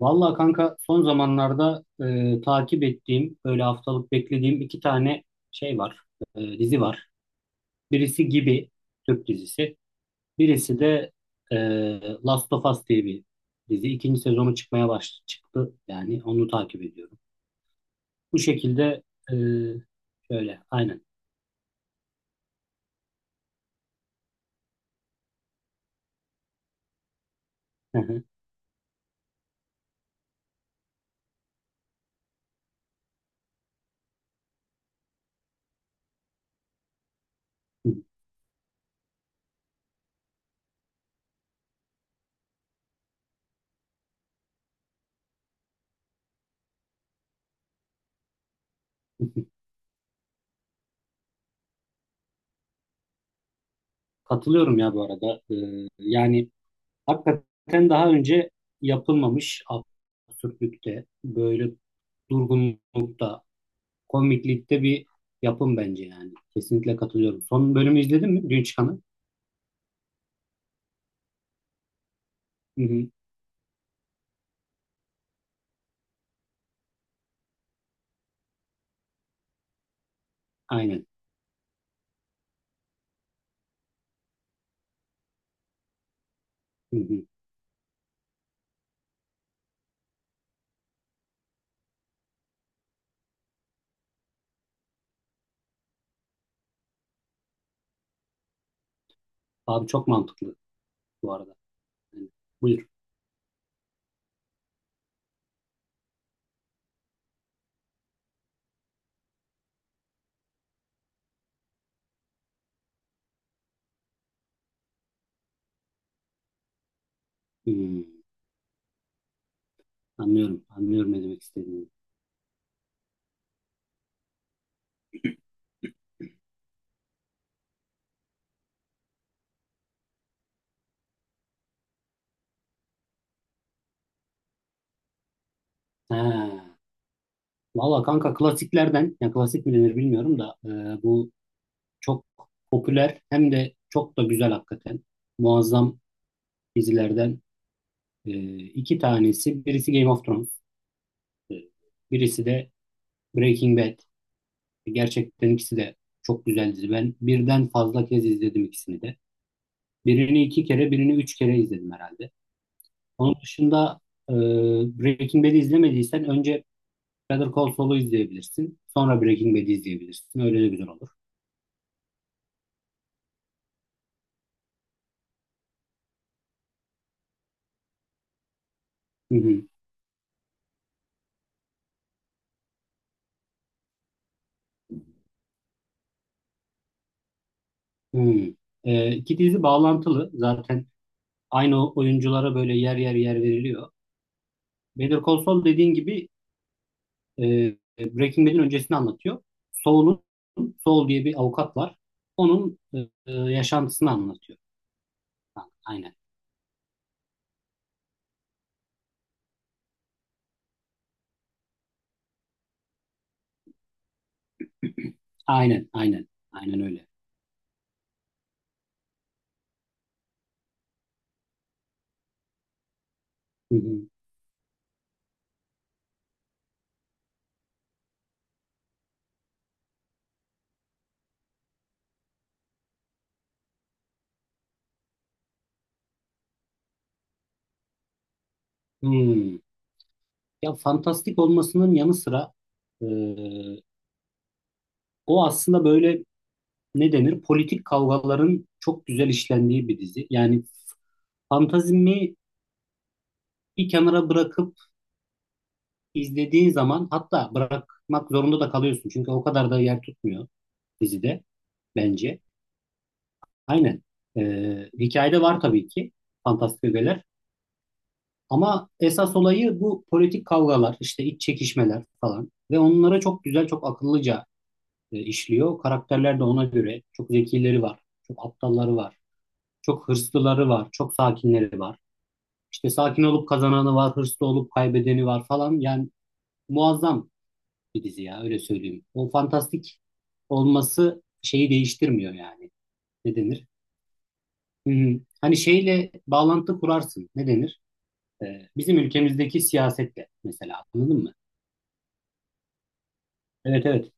Vallahi kanka, son zamanlarda takip ettiğim böyle haftalık beklediğim iki tane şey var, dizi var. Birisi Gibi, Türk dizisi. Birisi de e, Last of Us diye bir dizi. İkinci sezonu çıkmaya çıktı yani onu takip ediyorum. Bu şekilde, e, şöyle aynen. Katılıyorum ya bu arada. Yani hakikaten daha önce yapılmamış absürtlükte, böyle durgunlukta, komiklikte bir yapım bence yani. Kesinlikle katılıyorum. Son bölümü izledin mi? Dün çıkanı. Hı hı. Aynen. Hı hı. Abi çok mantıklı bu arada. Yani, buyur. Hmm. Anlıyorum. Anlıyorum ne demek istediğini. Ha. Valla kanka, klasiklerden, ya klasik mi denir bilmiyorum da, bu çok popüler, hem de çok da güzel hakikaten. Muazzam dizilerden e, iki tanesi. Birisi Game of Thrones. e, Birisi de Breaking Bad. Gerçekten ikisi de çok güzel dizi. Ben birden fazla kez izledim ikisini de. Birini iki kere, birini üç kere izledim herhalde. Onun dışında, e, Breaking Bad'i izlemediysen önce Better Call Saul'u izleyebilirsin. Sonra Breaking Bad'i izleyebilirsin. Öyle de güzel olur. Hı hı. Hı. İki dizi bağlantılı. Zaten aynı oyunculara böyle yer yer yer veriliyor. Better Call Saul, dediğin gibi, e, Breaking Bad'in öncesini anlatıyor. Saul'un Saul diye bir avukat var. Onun yaşantısını anlatıyor. Ha, aynen. Aynen, aynen. Aynen öyle. Hı hı. Hmm. Ya, fantastik olmasının yanı sıra, e, o aslında böyle, ne denir? Politik kavgaların çok güzel işlendiği bir dizi. Yani fantazimi bir kenara bırakıp izlediğin zaman, hatta bırakmak zorunda da kalıyorsun. Çünkü o kadar da yer tutmuyor dizide bence. Aynen. Hikayede var tabii ki fantastik ögeler. Ama esas olayı bu politik kavgalar, işte iç çekişmeler falan. Ve onlara çok güzel, çok akıllıca işliyor. Karakterler de ona göre çok zekileri var, çok aptalları var, çok hırslıları var, çok sakinleri var. İşte sakin olup kazananı var, hırslı olup kaybedeni var falan. Yani muazzam bir dizi ya, öyle söyleyeyim. O fantastik olması şeyi değiştirmiyor yani. Ne denir? Hı hı. Hani şeyle bağlantı kurarsın. Ne denir? Bizim ülkemizdeki siyasetle mesela, anladın mı? Evet evet.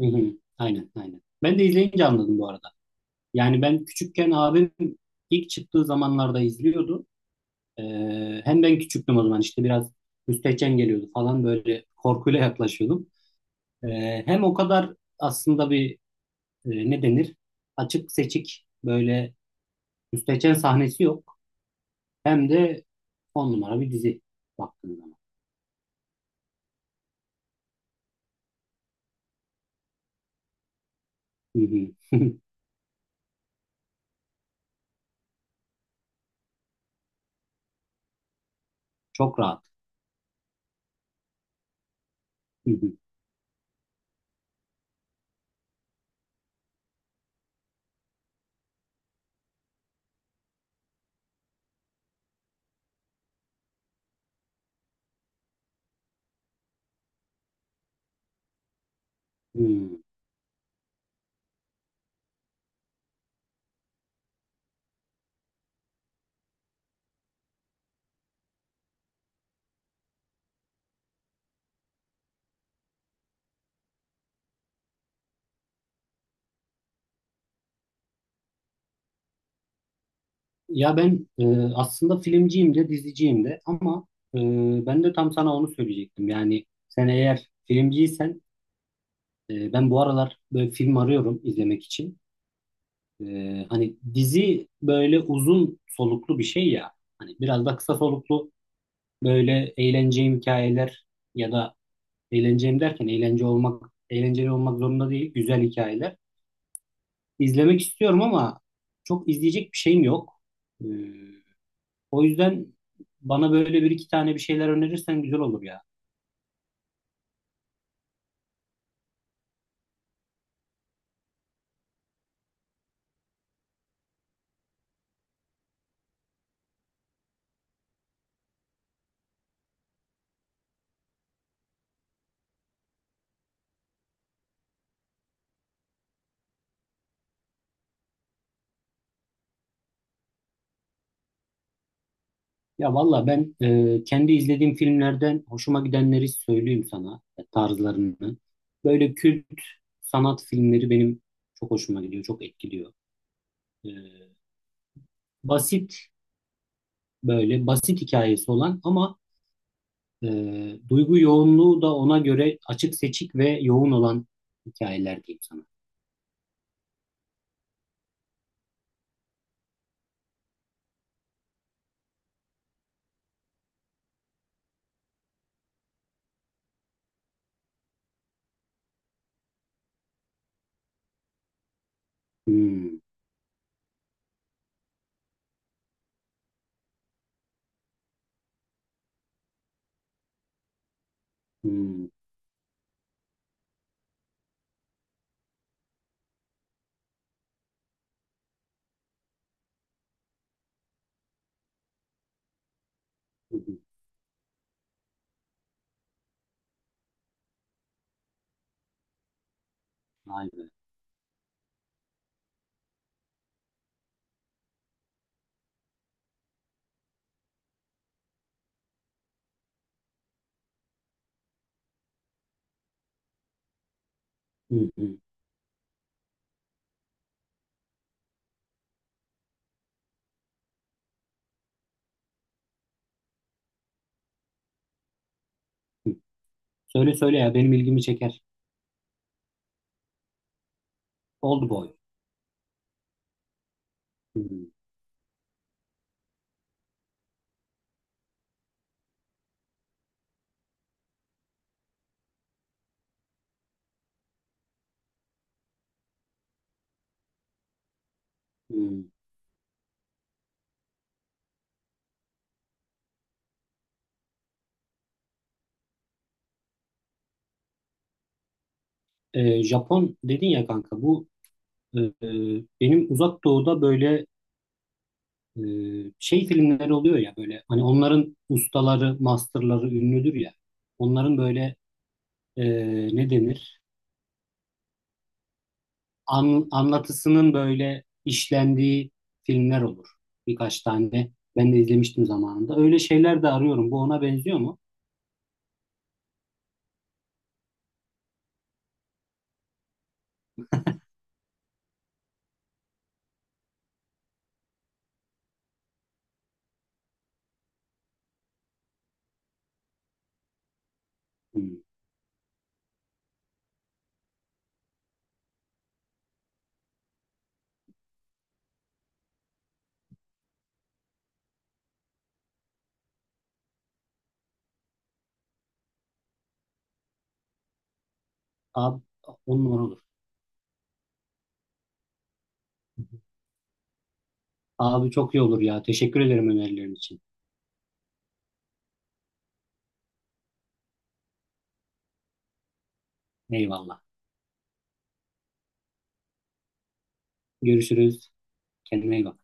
Hı hı. Aynen aynen. Ben de izleyince anladım bu arada. Yani ben küçükken abim ilk çıktığı zamanlarda izliyordu. Hem ben küçüktüm o zaman, işte biraz müstehcen geliyordu falan, böyle korkuyla yaklaşıyordum. Hem o kadar aslında bir ne denir, açık seçik böyle müstehcen sahnesi yok. Hem de on numara bir dizi baktığın zaman. Hı hı. Çok rahat. Hı hı. Hı. Ya ben aslında filmciyim de, diziciyim de, ama e, ben de tam sana onu söyleyecektim. Yani sen eğer filmciysen, ben bu aralar böyle film arıyorum izlemek için. Hani dizi böyle uzun soluklu bir şey ya. Hani biraz da kısa soluklu böyle eğleneceğim hikayeler, ya da eğleneceğim derken eğlenceli olmak zorunda değil, güzel hikayeler izlemek istiyorum ama çok izleyecek bir şeyim yok. E, O yüzden bana böyle bir iki tane bir şeyler önerirsen güzel olur ya. Ya valla ben kendi izlediğim filmlerden hoşuma gidenleri söyleyeyim sana, tarzlarını. Böyle kült sanat filmleri benim çok hoşuma gidiyor, çok etkiliyor. E, basit Böyle basit hikayesi olan ama e, duygu yoğunluğu da ona göre açık seçik ve yoğun olan hikayeler diyeyim sana. Hmm, hmm, hı hı, vay be. Hı hı, hı. Söyle söyle ya, benim ilgimi çeker. Old Boy. Hmm, hmm. Japon dedin ya kanka, bu e, e, benim Uzak Doğu'da böyle e, şey filmleri oluyor ya, böyle hani onların ustaları, masterları ünlüdür ya. Onların böyle, e, ne denir? Anlatısının böyle işlendiği filmler olur. Birkaç tane ben de izlemiştim zamanında. Öyle şeyler de arıyorum. Bu ona benziyor mu? Hmm. Abi on numara olur. Abi çok iyi olur ya. Teşekkür ederim önerilerin için. Eyvallah. Görüşürüz. Kendine iyi bak.